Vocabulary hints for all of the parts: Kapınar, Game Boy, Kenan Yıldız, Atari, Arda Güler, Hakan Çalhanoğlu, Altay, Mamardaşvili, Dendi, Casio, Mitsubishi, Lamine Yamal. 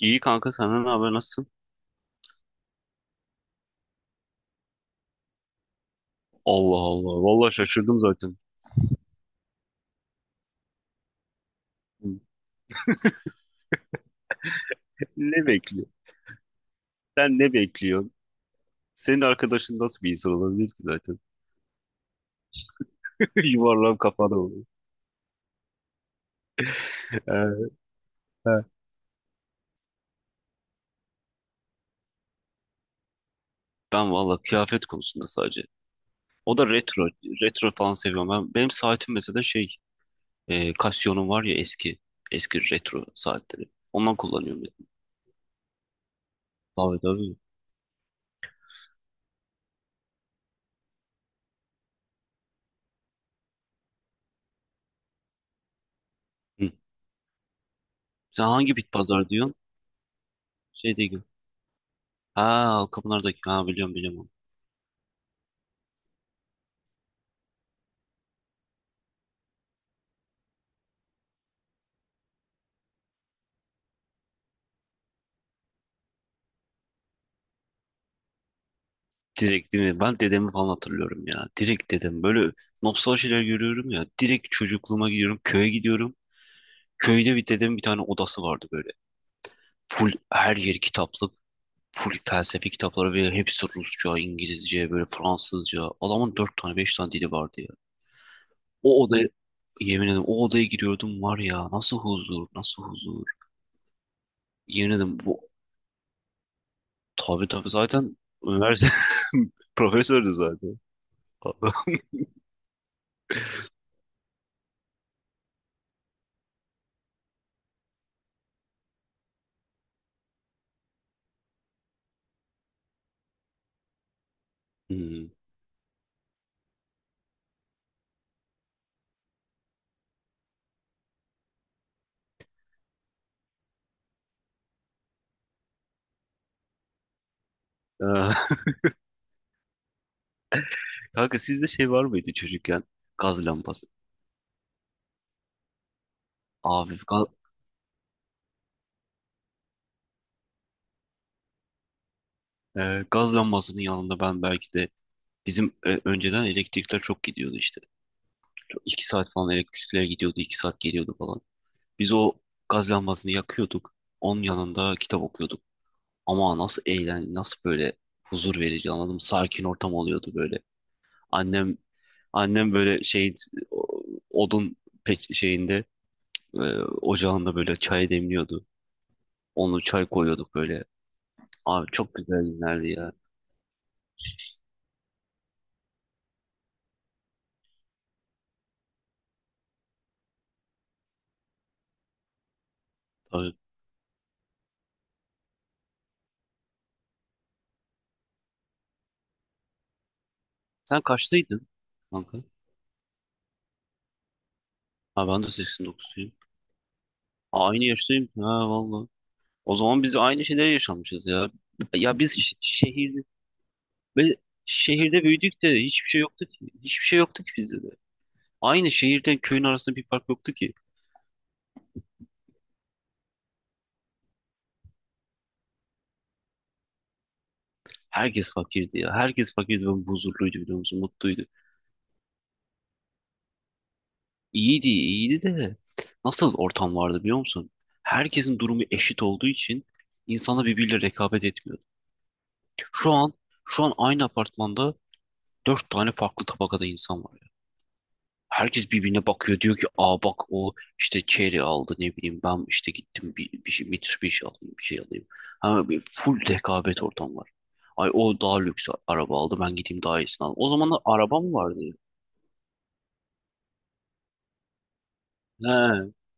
İyi kanka senden ne haber nasılsın? Allah Allah. Vallahi şaşırdım zaten. Ne bekliyor? Sen ne bekliyorsun? Senin arkadaşın nasıl bir insan olabilir ki zaten? Yuvarlan kafana oluyor. Ee, he. Ben vallahi kıyafet konusunda sadece. O da retro. Retro falan seviyorum. Benim saatim mesela şey. Casio'nun var ya eski. Eski retro saatleri. Ondan kullanıyorum ben. Tabii tabii. Hı. Sen hangi bit pazar diyorsun? Şey değil. Ha Kapınar'daki. Ha biliyorum biliyorum. Direkt değil mi? Ben dedemi falan hatırlıyorum ya. Direkt dedem. Böyle nostaljiler görüyorum ya. Direkt çocukluğuma gidiyorum. Köye gidiyorum. Köyde bir dedemin bir tane odası vardı böyle. Full her yeri kitaplık. Full felsefi kitapları ve hepsi Rusça, İngilizce, böyle Fransızca. Adamın dört tane, beş tane dili vardı ya. O odaya, yemin ederim o odaya giriyordum var ya. Nasıl huzur, nasıl huzur. Yemin ederim tabii tabii zaten üniversite profesördü zaten. Hmm. Kanka sizde şey var mıydı çocukken? Gaz lambası. Abi ga- Gaz lambasının yanında ben belki de bizim önceden elektrikler çok gidiyordu işte. 2 saat falan elektrikler gidiyordu, 2 saat geliyordu falan. Biz o gaz lambasını yakıyorduk. Onun yanında kitap okuyorduk. Ama nasıl böyle huzur verici anladım. Sakin ortam oluyordu böyle. Annem annem böyle şey o- odun şeyinde e, ocağında böyle çay demliyordu. Onu çay koyuyorduk böyle. Abi çok güzel günlerdi ya. Abi, sen kaçtaydın kanka? Ha ben de 89'luyum. Aa, aynı yaştayım. Ha vallahi. O zaman biz aynı şeyleri yaşamışız ya. Ya biz ve şehirde büyüdük de hiçbir şey yoktu ki. Hiçbir şey yoktu ki bizde de. Aynı şehirden köyün arasında bir fark yoktu ki. Herkes fakirdi ya. Herkes fakirdi ve huzurluydu biliyor musun? Mutluydu. İyiydi, iyiydi de nasıl ortam vardı biliyor musun? Herkesin durumu eşit olduğu için insanlar birbiriyle rekabet etmiyordu. Şu an şu an aynı apartmanda dört tane farklı tabakada insan var ya. Herkes birbirine bakıyor diyor ki aa bak o işte Cherry aldı ne bileyim ben işte gittim bir şey Mitsubishi alayım bir şey alayım. Ha, bir full rekabet ortam var. Ay o daha lüks araba aldı ben gideyim daha iyisini alayım. O zamanlar araba mı vardı ya?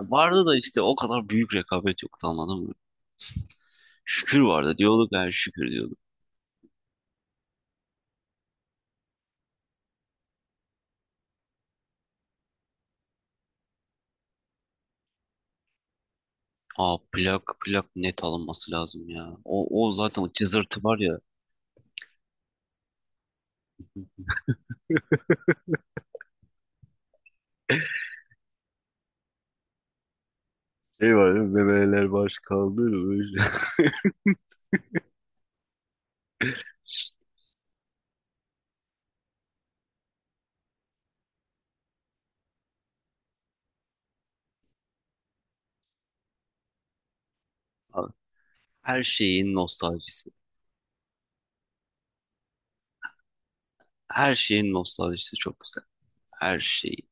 He. Vardı da işte o kadar büyük rekabet yoktu anladın mı? Şükür vardı diyorduk yani şükür diyorduk. Aa plak net alınması lazım ya. O zaten o cızırtı var ya. Şey var ya, bebeler baş kaldırmış. Abi, her şeyin nostaljisi. Her şeyin nostaljisi çok güzel. Her şeyi.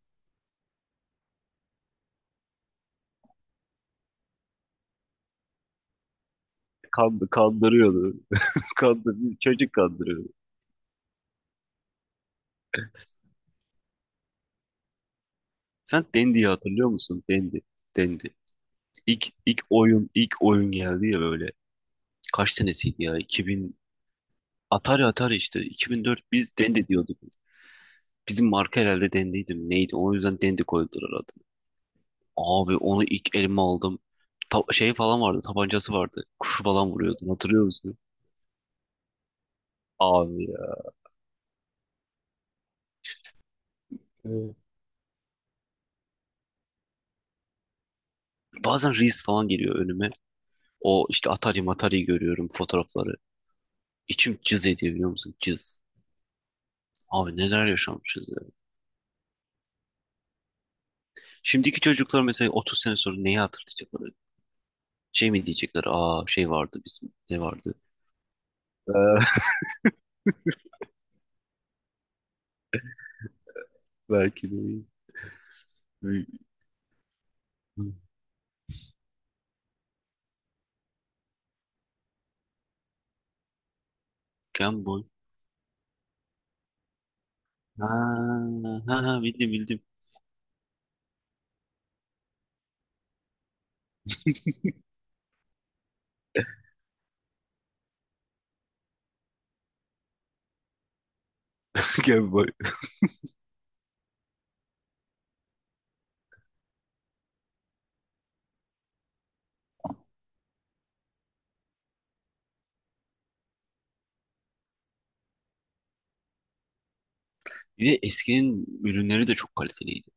Kandırıyordu. Kandı, Çocuk kandırıyordu. Sen Dendi'yi hatırlıyor musun? Dendi. Dendi. İlk oyun geldi ya böyle. Kaç senesiydi ya? 2000, Atari Atari işte. 2004 biz Dendi diyorduk. Bizim marka herhalde Dendi'ydi mi? Neydi? O yüzden Dendi koydular adı. Abi onu ilk elime aldım. Şey falan vardı, tabancası vardı. Kuşu falan vuruyordun, hatırlıyor musun? Abi ya. Evet. Bazen Reels falan geliyor önüme. O işte Atari Matari görüyorum fotoğrafları. İçim cız ediyor biliyor musun? Cız. Abi neler yaşanmışız ya. Şimdiki çocuklar mesela 30 sene sonra neyi hatırlayacaklar? Şey mi diyecekler? Aa şey vardı bizim. Ne vardı? Ee, Belki de. Game Boy. Ha, ha, ha, bildim bildim. Game Boy. Bir de eskinin ürünleri de çok kaliteliydi.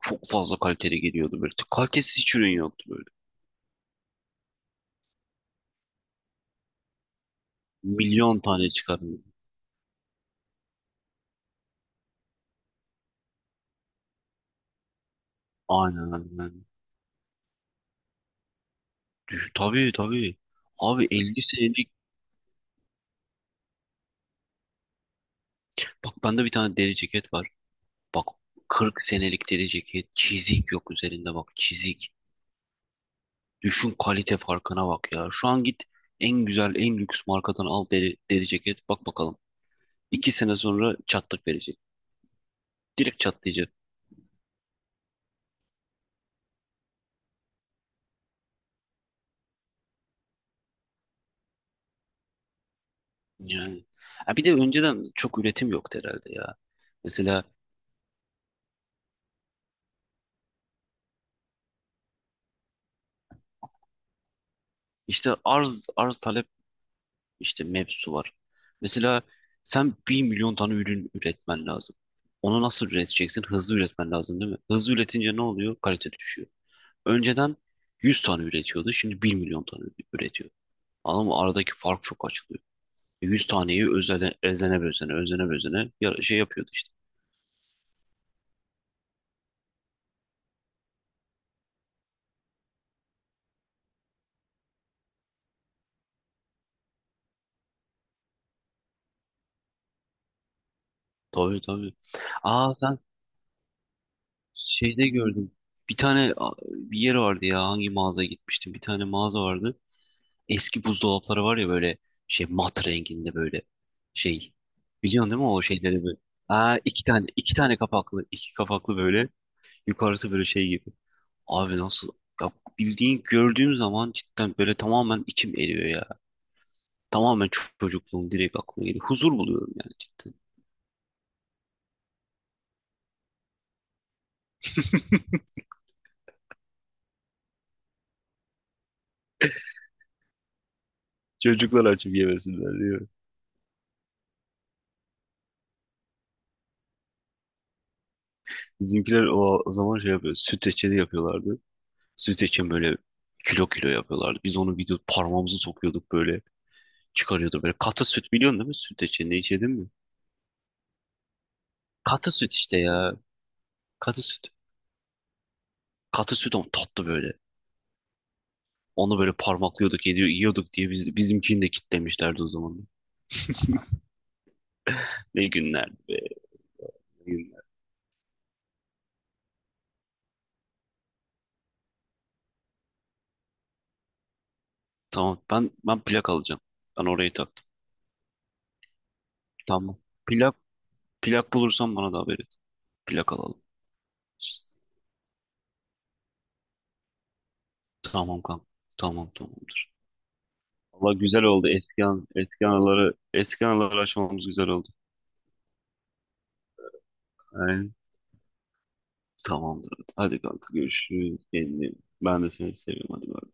Çok fazla kaliteli geliyordu böyle. Kalitesiz hiç ürün yoktu böyle. Milyon tane çıkarıyordu. Aynen aynen. Düşün, tabii tabii. Abi 50 senelik. Bak bende bir tane deri ceket var. Bak 40 senelik deri ceket. Çizik yok üzerinde bak çizik. Düşün kalite farkına bak ya. Şu an git en güzel en lüks markadan al deri ceket. Bak bakalım. 2 sene sonra çatlak verecek. Direkt çatlayacak. Yani. Ha bir de önceden çok üretim yoktu herhalde ya. Mesela işte arz talep işte mevzusu var. Mesela sen 1 milyon tane ürün üretmen lazım. Onu nasıl üreteceksin? Hızlı üretmen lazım değil mi? Hızlı üretince ne oluyor? Kalite düşüyor. Önceden 100 tane üretiyordu. Şimdi 1 milyon tane üretiyor. Anladın mı? Aradaki fark çok açılıyor. 100 taneyi özene, özene bezene, özene bezene şey yapıyordu işte. Tabii tabii. Aa ben şeyde gördüm. Bir yer vardı ya hangi mağazaya gitmiştim. Bir tane mağaza vardı. Eski buzdolapları var ya böyle şey mat renginde böyle şey. Biliyorsun değil mi o şeyleri böyle? Aa iki kapaklı böyle yukarısı böyle şey gibi. Abi nasıl ya bildiğin gördüğüm zaman cidden böyle tamamen içim eriyor ya. Tamamen çocukluğum direkt aklıma geliyor. Huzur buluyorum yani cidden. Çocuklar açıp yemesinler diyor. Bizimkiler o zaman şey yapıyor. Süt reçeli yapıyorlardı. Süt için böyle kilo kilo yapıyorlardı. Biz onu bir de parmağımızı sokuyorduk böyle. Çıkarıyordu böyle. Katı süt biliyorsun değil mi? Süt içinde içedin mi? Katı süt işte ya. Katı süt. Katı süt on tatlı böyle. Onu böyle parmaklıyorduk, yiyorduk diye bizimkini de kitlemişlerdi o zaman. Ne günlerdi be, ne günler. Tamam ben plak alacağım. Ben orayı taktım. Tamam. Plak plak bulursan bana da haber et. Plak alalım. Tamam kanka. Tamam tamamdır. Valla güzel oldu. Eski anıları aşmamız güzel oldu. Aynen. Tamamdır. Hadi kanka görüşürüz. Kendine. Ben de seni seviyorum. Hadi bay.